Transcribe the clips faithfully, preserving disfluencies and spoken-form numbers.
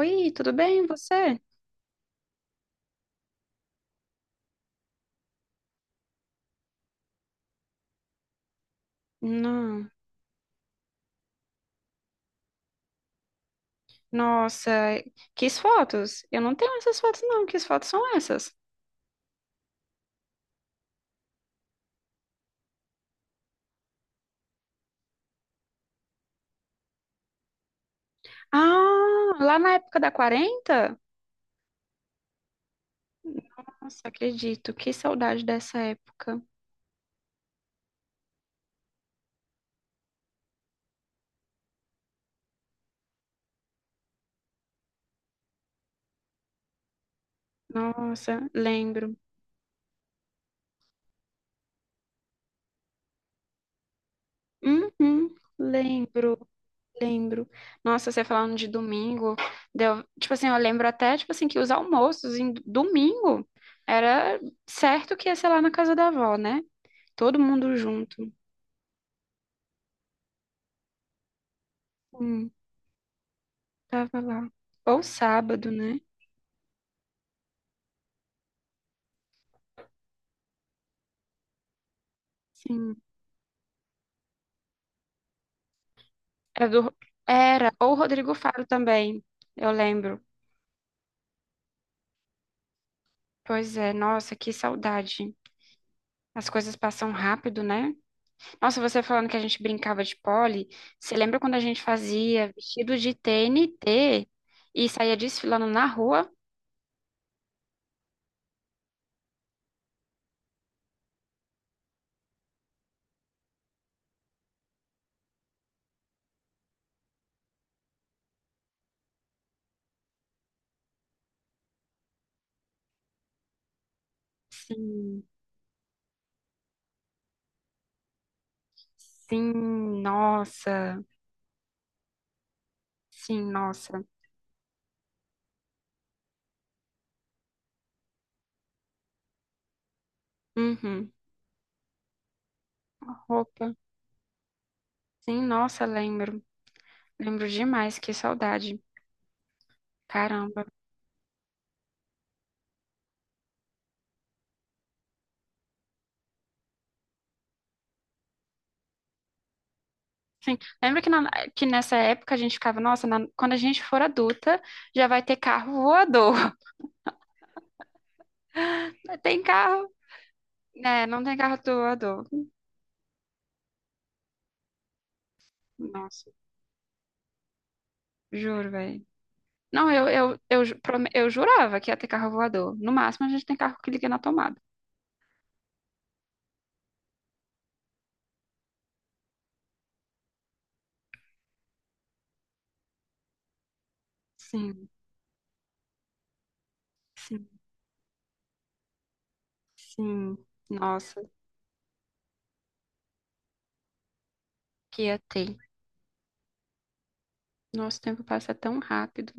Oi, tudo bem, você? Não. Nossa, quis fotos? Eu não tenho essas fotos, não. Que fotos são essas? Ah, lá na época da quarenta? Nossa, acredito. Que saudade dessa época. Nossa, lembro. Uhum, lembro, lembro. Nossa, você falando de domingo, deu, tipo assim, eu lembro até, tipo assim, que os almoços em domingo era certo que ia ser lá na casa da avó, né? Todo mundo junto. Hum. Tava lá. Ou sábado, né? Sim. É do- Era. Ou o Rodrigo Faro também, eu lembro. Pois é, nossa, que saudade. As coisas passam rápido, né? Nossa, você falando que a gente brincava de pole, você lembra quando a gente fazia vestido de T N T e saía desfilando na rua? Sim, sim, nossa, sim, nossa. Uhum. A roupa, sim, nossa, lembro. Lembro demais, que saudade. Caramba. Sim. Lembra que, na- que nessa época a gente ficava, nossa, na- quando a gente for adulta, já vai ter carro voador. Tem carro? É, não tem carro voador. Nossa, juro, velho. Não, eu, eu, eu, ju- prome- eu jurava que ia ter carro voador. No máximo, a gente tem carro que liga na tomada. Sim, sim, sim. Nossa, que ia ter. Nosso tempo passa tão rápido.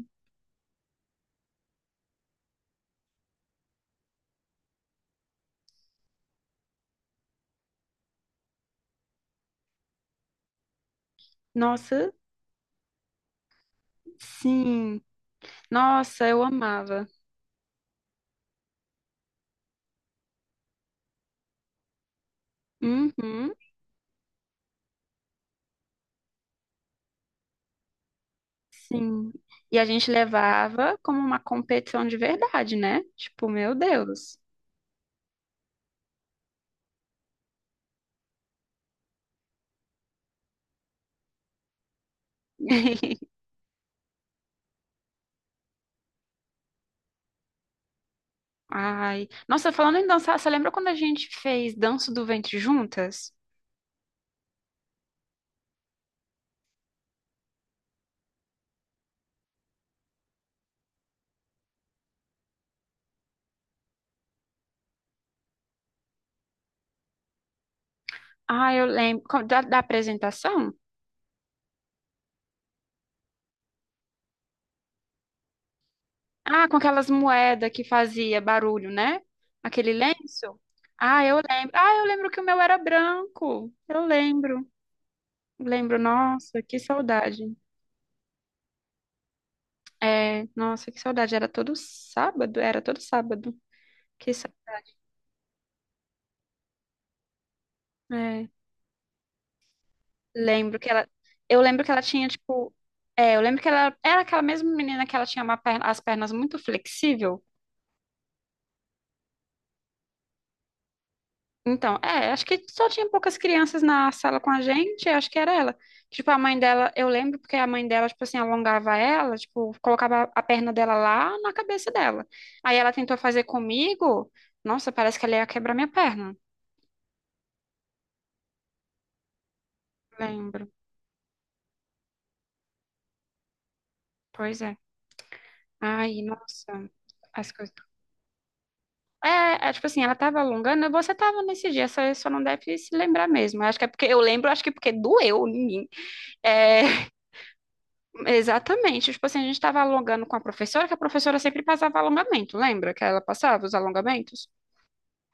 Nossa, sim. Nossa, eu amava. Uhum. Sim. E a gente levava como uma competição de verdade, né? Tipo, meu Deus. Ai. Nossa, falando em dançar, você lembra quando a gente fez Danço do Ventre juntas? Ah, eu lembro. Co- Da, da apresentação? Ah, com aquelas moedas que fazia barulho, né? Aquele lenço? Ah, eu lembro. Ah, eu lembro que o meu era branco. Eu lembro. Lembro, nossa, que saudade. É, nossa, que saudade. Era todo sábado, era todo sábado. Que saudade. Lembro que ela. Eu lembro que ela tinha, tipo. É, eu lembro que ela era aquela mesma menina que ela tinha uma perna- as pernas muito flexível. Então, é, acho que só tinha poucas crianças na sala com a gente, acho que era ela. Tipo, a mãe dela, eu lembro porque a mãe dela, tipo assim, alongava ela, tipo, colocava a perna dela lá na cabeça dela. Aí ela tentou fazer comigo. Nossa, parece que ela ia quebrar minha perna. Lembro. Pois é. Ai, nossa, as coisas. É, é, tipo assim, ela tava alongando, você tava nesse dia, só, só não deve se lembrar mesmo. Acho que é porque eu lembro, acho que porque doeu em mim. É, exatamente. Tipo assim, a gente tava alongando com a professora, que a professora sempre passava alongamento, lembra que ela passava os alongamentos?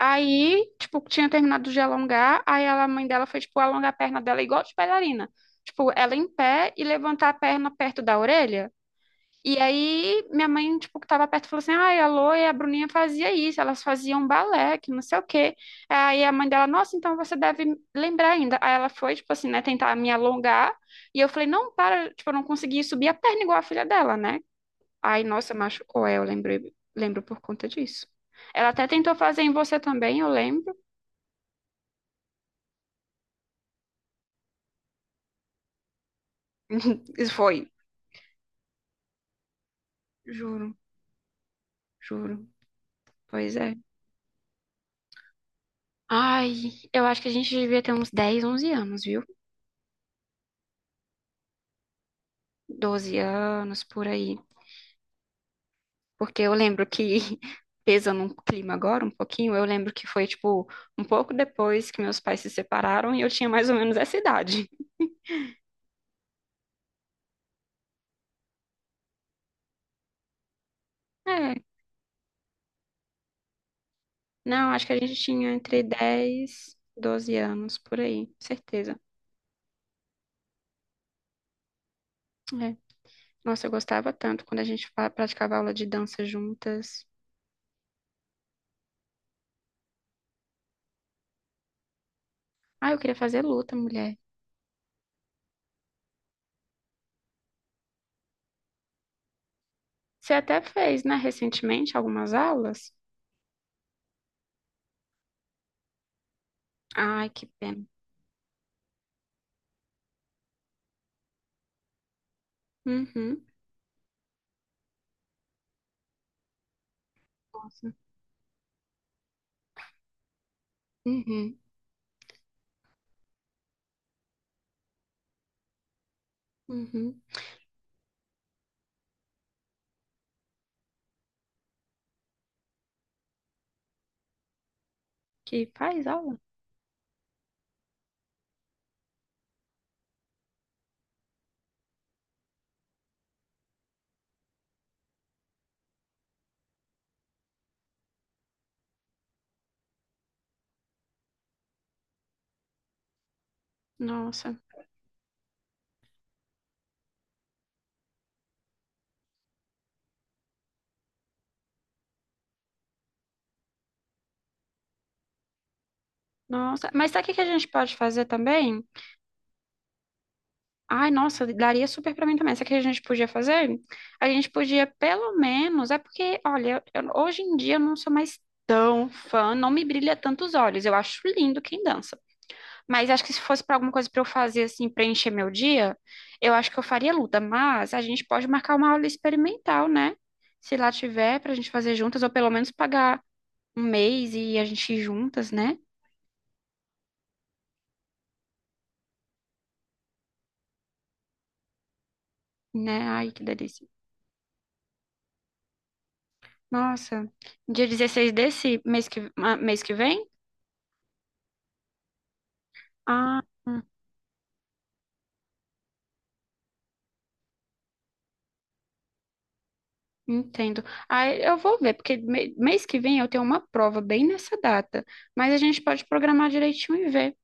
Aí, tipo, tinha terminado de alongar, aí ela, a mãe dela foi, tipo, alongar a perna dela igual de bailarina. Tipo, ela em pé e levantar a perna perto da orelha. E aí, minha mãe, tipo, que tava perto, falou assim, ai, a Lô e a Bruninha fazia isso, elas faziam balé, que não sei o quê. Aí a mãe dela, nossa, então você deve lembrar ainda. Aí ela foi, tipo assim, né, tentar me alongar, e eu falei, não, para, tipo, eu não consegui subir a perna igual a filha dela, né? Aí, nossa, machucou, é, eu lembrei, lembro por conta disso. Ela até tentou fazer em você também, eu lembro. Isso foi, juro, juro, pois é. Ai, eu acho que a gente devia ter uns dez onze anos, viu? Doze anos, por aí. Porque eu lembro que, pesando um clima agora, um pouquinho, eu lembro que foi, tipo, um pouco depois que meus pais se separaram e eu tinha mais ou menos essa idade. É, não, acho que a gente tinha entre dez doze anos, por aí, certeza. É. Nossa, eu gostava tanto quando a gente fa- praticava aula de dança juntas. Ah, eu queria fazer luta, mulher. Você até fez, né, recentemente, algumas aulas? Ai, que pena. Uhum. Nossa. Uhum. Uhum. Que faz aula? Nossa. Nossa, mas sabe o que que a gente pode fazer também? Ai, nossa, daria super pra mim também. Sabe o que a gente podia fazer? A gente podia, pelo menos, é porque, olha, eu- hoje em dia eu não sou mais tão fã, não me brilha tanto os olhos. Eu acho lindo quem dança. Mas acho que se fosse pra alguma coisa pra eu fazer, assim, preencher meu dia, eu acho que eu faria luta. Mas a gente pode marcar uma aula experimental, né? Se lá tiver, pra gente fazer juntas, ou pelo menos pagar um mês e a gente ir juntas, né? Né? Ai, que delícia. Nossa, dia dezesseis desse mês que, ah, mês que vem? Ah, hum, entendo. Ah, eu vou ver, porque me- mês que vem eu tenho uma prova bem nessa data, mas a gente pode programar direitinho e ver.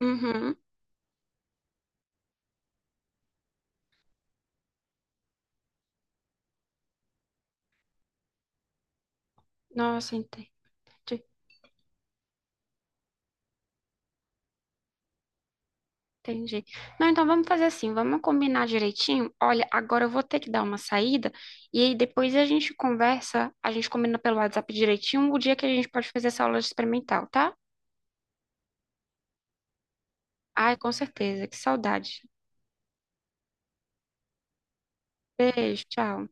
Uhum. Nossa, entendi, entendi. Não, então vamos fazer assim, vamos combinar direitinho. Olha, agora eu vou ter que dar uma saída e aí depois a gente conversa, a gente combina pelo WhatsApp direitinho o dia que a gente pode fazer essa aula experimental, tá? Ai, com certeza, que saudade. Beijo, tchau.